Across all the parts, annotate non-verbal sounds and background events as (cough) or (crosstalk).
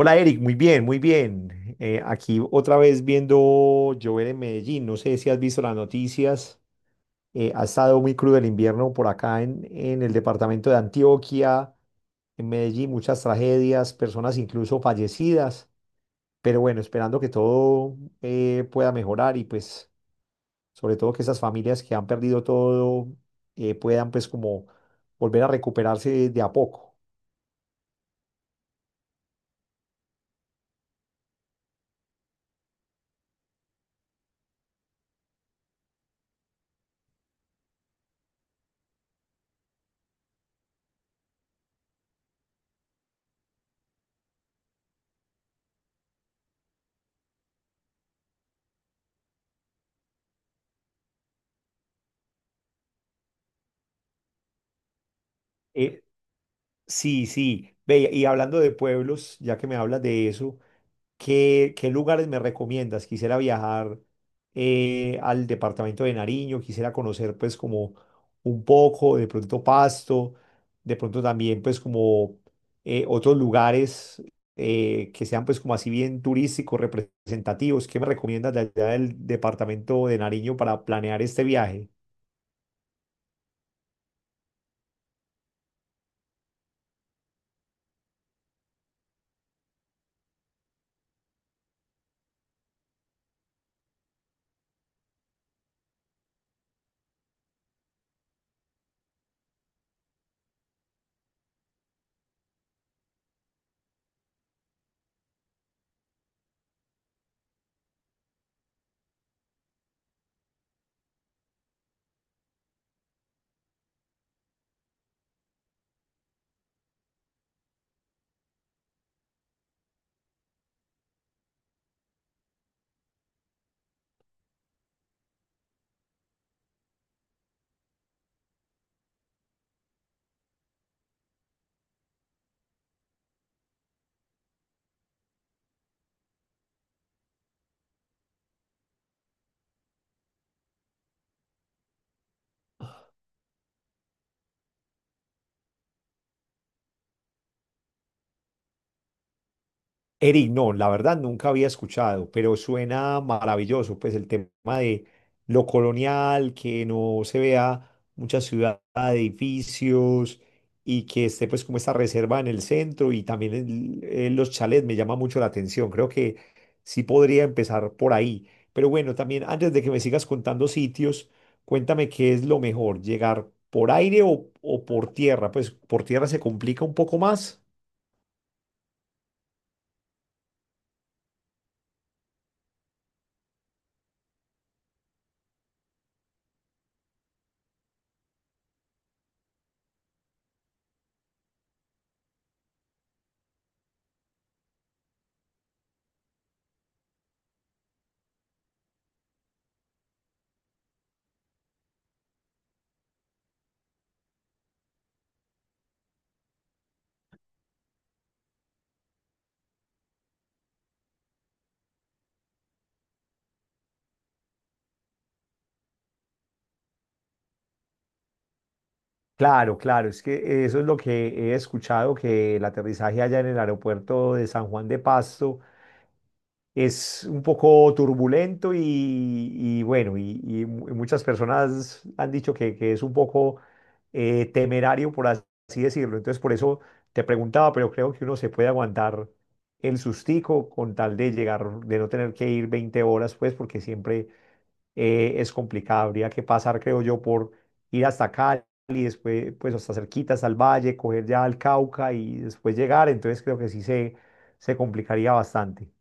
Hola Eric, muy bien, muy bien. Aquí otra vez viendo llover en Medellín. No sé si has visto las noticias. Ha estado muy crudo el invierno por acá en el departamento de Antioquia, en Medellín, muchas tragedias, personas incluso fallecidas. Pero bueno, esperando que todo pueda mejorar y pues sobre todo que esas familias que han perdido todo puedan pues como volver a recuperarse de a poco. Eh, sí, sí. Ve, y hablando de pueblos, ya que me hablas de eso. ¿Qué lugares me recomiendas? Quisiera viajar al departamento de Nariño, quisiera conocer pues como un poco, de pronto Pasto, de pronto también pues como otros lugares que sean pues como así bien turísticos, representativos. ¿Qué me recomiendas de allá del departamento de Nariño para planear este viaje? Eric, no, la verdad nunca había escuchado, pero suena maravilloso, pues el tema de lo colonial, que no se vea mucha ciudad, edificios y que esté pues como esta reserva en el centro y también los chalets me llama mucho la atención, creo que sí podría empezar por ahí, pero bueno, también antes de que me sigas contando sitios, cuéntame qué es lo mejor, llegar por aire o por tierra, pues por tierra se complica un poco más. Claro, claro, es que eso es lo que he escuchado, que el aterrizaje allá en el aeropuerto de San Juan de Pasto es un poco turbulento y bueno, y muchas personas han dicho que es un poco temerario, así decirlo. Entonces, por eso te preguntaba, pero creo que uno se puede aguantar el sustico con tal de llegar, de no tener que ir 20 horas, pues, porque siempre es complicada. Habría que pasar, creo yo, por ir hasta Cali, después, pues hasta cerquita, hasta el Valle, coger ya al Cauca y después llegar. Entonces creo que sí se complicaría bastante.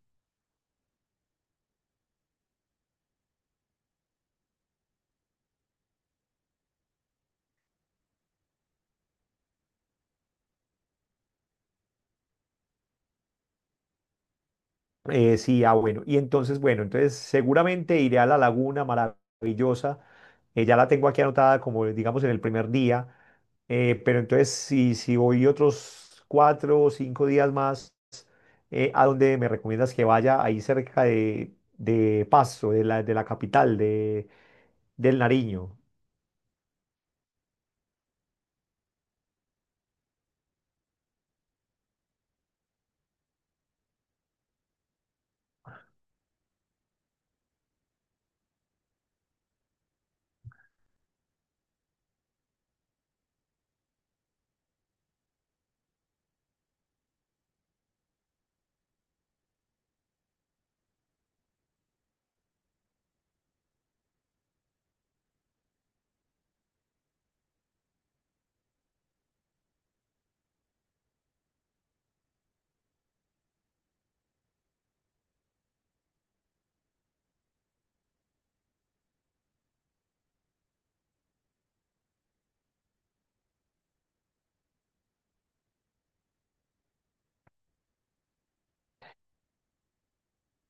Sí, bueno. Y entonces, bueno, entonces seguramente iré a la laguna maravillosa. Ya la tengo aquí anotada como, digamos, en el primer día. Pero entonces, si voy otros cuatro o cinco días más, ¿a dónde me recomiendas que vaya? Ahí cerca de Pasto, de la capital, de, del Nariño.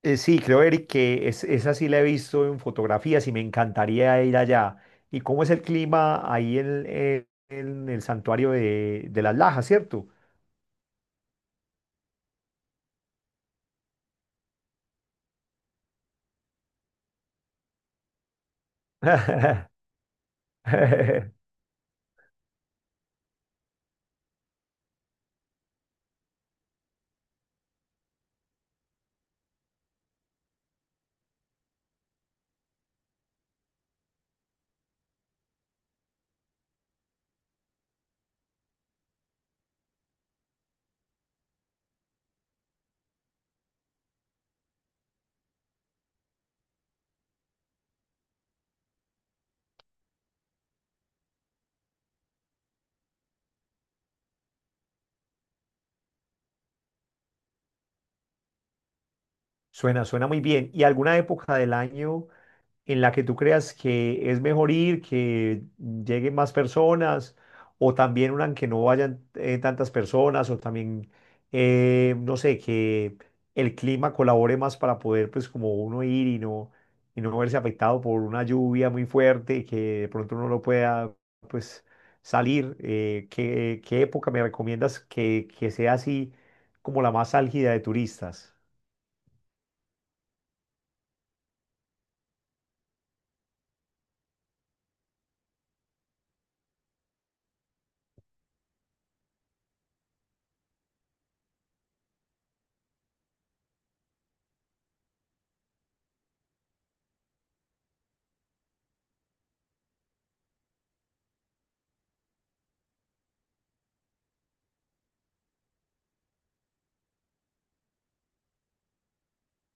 Sí, creo, Eric, que es, esa sí la he visto en fotografías y me encantaría ir allá. ¿Y cómo es el clima ahí en en el santuario de las Lajas, cierto? (laughs) Suena, suena muy bien. ¿Y alguna época del año en la que tú creas que es mejor ir, que lleguen más personas, o también una en que no vayan tantas personas, o también, no sé, que el clima colabore más para poder, pues, como uno ir y no verse afectado por una lluvia muy fuerte, que de pronto uno no pueda, pues, salir. ¿Qué época me recomiendas que sea así como la más álgida de turistas?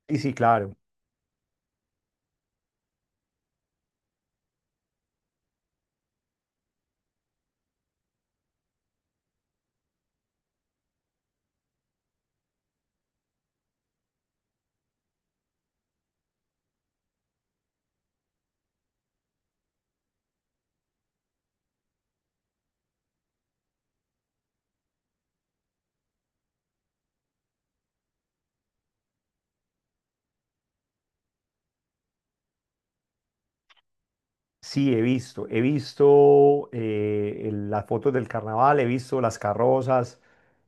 Sí, sí, claro. Sí, he visto. He visto las fotos del carnaval, he visto las carrozas,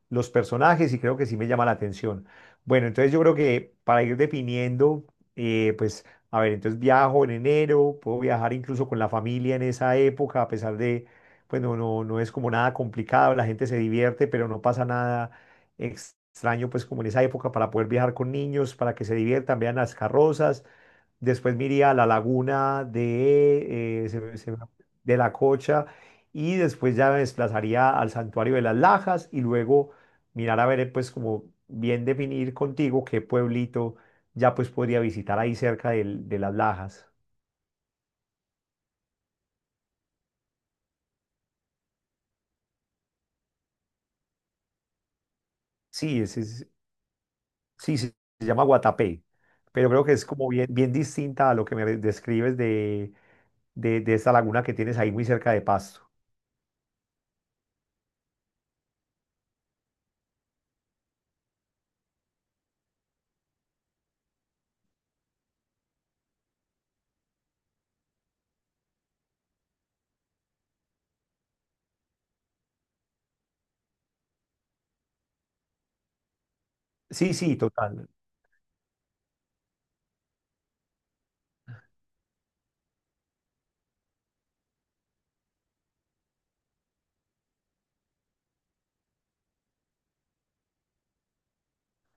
los personajes y creo que sí me llama la atención. Bueno, entonces yo creo que para ir definiendo, eh, pues, a ver, entonces viajo en enero, puedo viajar incluso con la familia en esa época, a pesar de, pues no, no, no es como nada complicado, la gente se divierte, pero no pasa nada extraño, pues como en esa época para poder viajar con niños, para que se diviertan, vean las carrozas. Después me iría a la laguna de, de la Cocha y después ya me desplazaría al santuario de las Lajas y luego mirar a ver, pues como bien definir contigo qué pueblito ya pues podría visitar ahí cerca de las Lajas. Sí, sí, sí, se llama Guatapé, pero creo que es como bien, bien distinta a lo que me describes de, de esta laguna que tienes ahí muy cerca de Pasto. Sí, sí, total.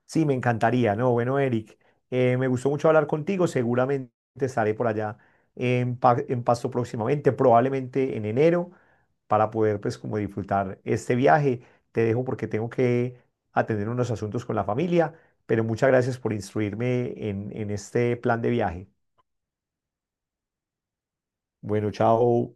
Sí, me encantaría, ¿no? Bueno, Eric, me gustó mucho hablar contigo. Seguramente estaré por allá en Pasto próximamente, probablemente en enero, para poder, pues, como disfrutar este viaje. Te dejo porque tengo que atender unos asuntos con la familia, pero muchas gracias por instruirme en este plan de viaje. Bueno, chao.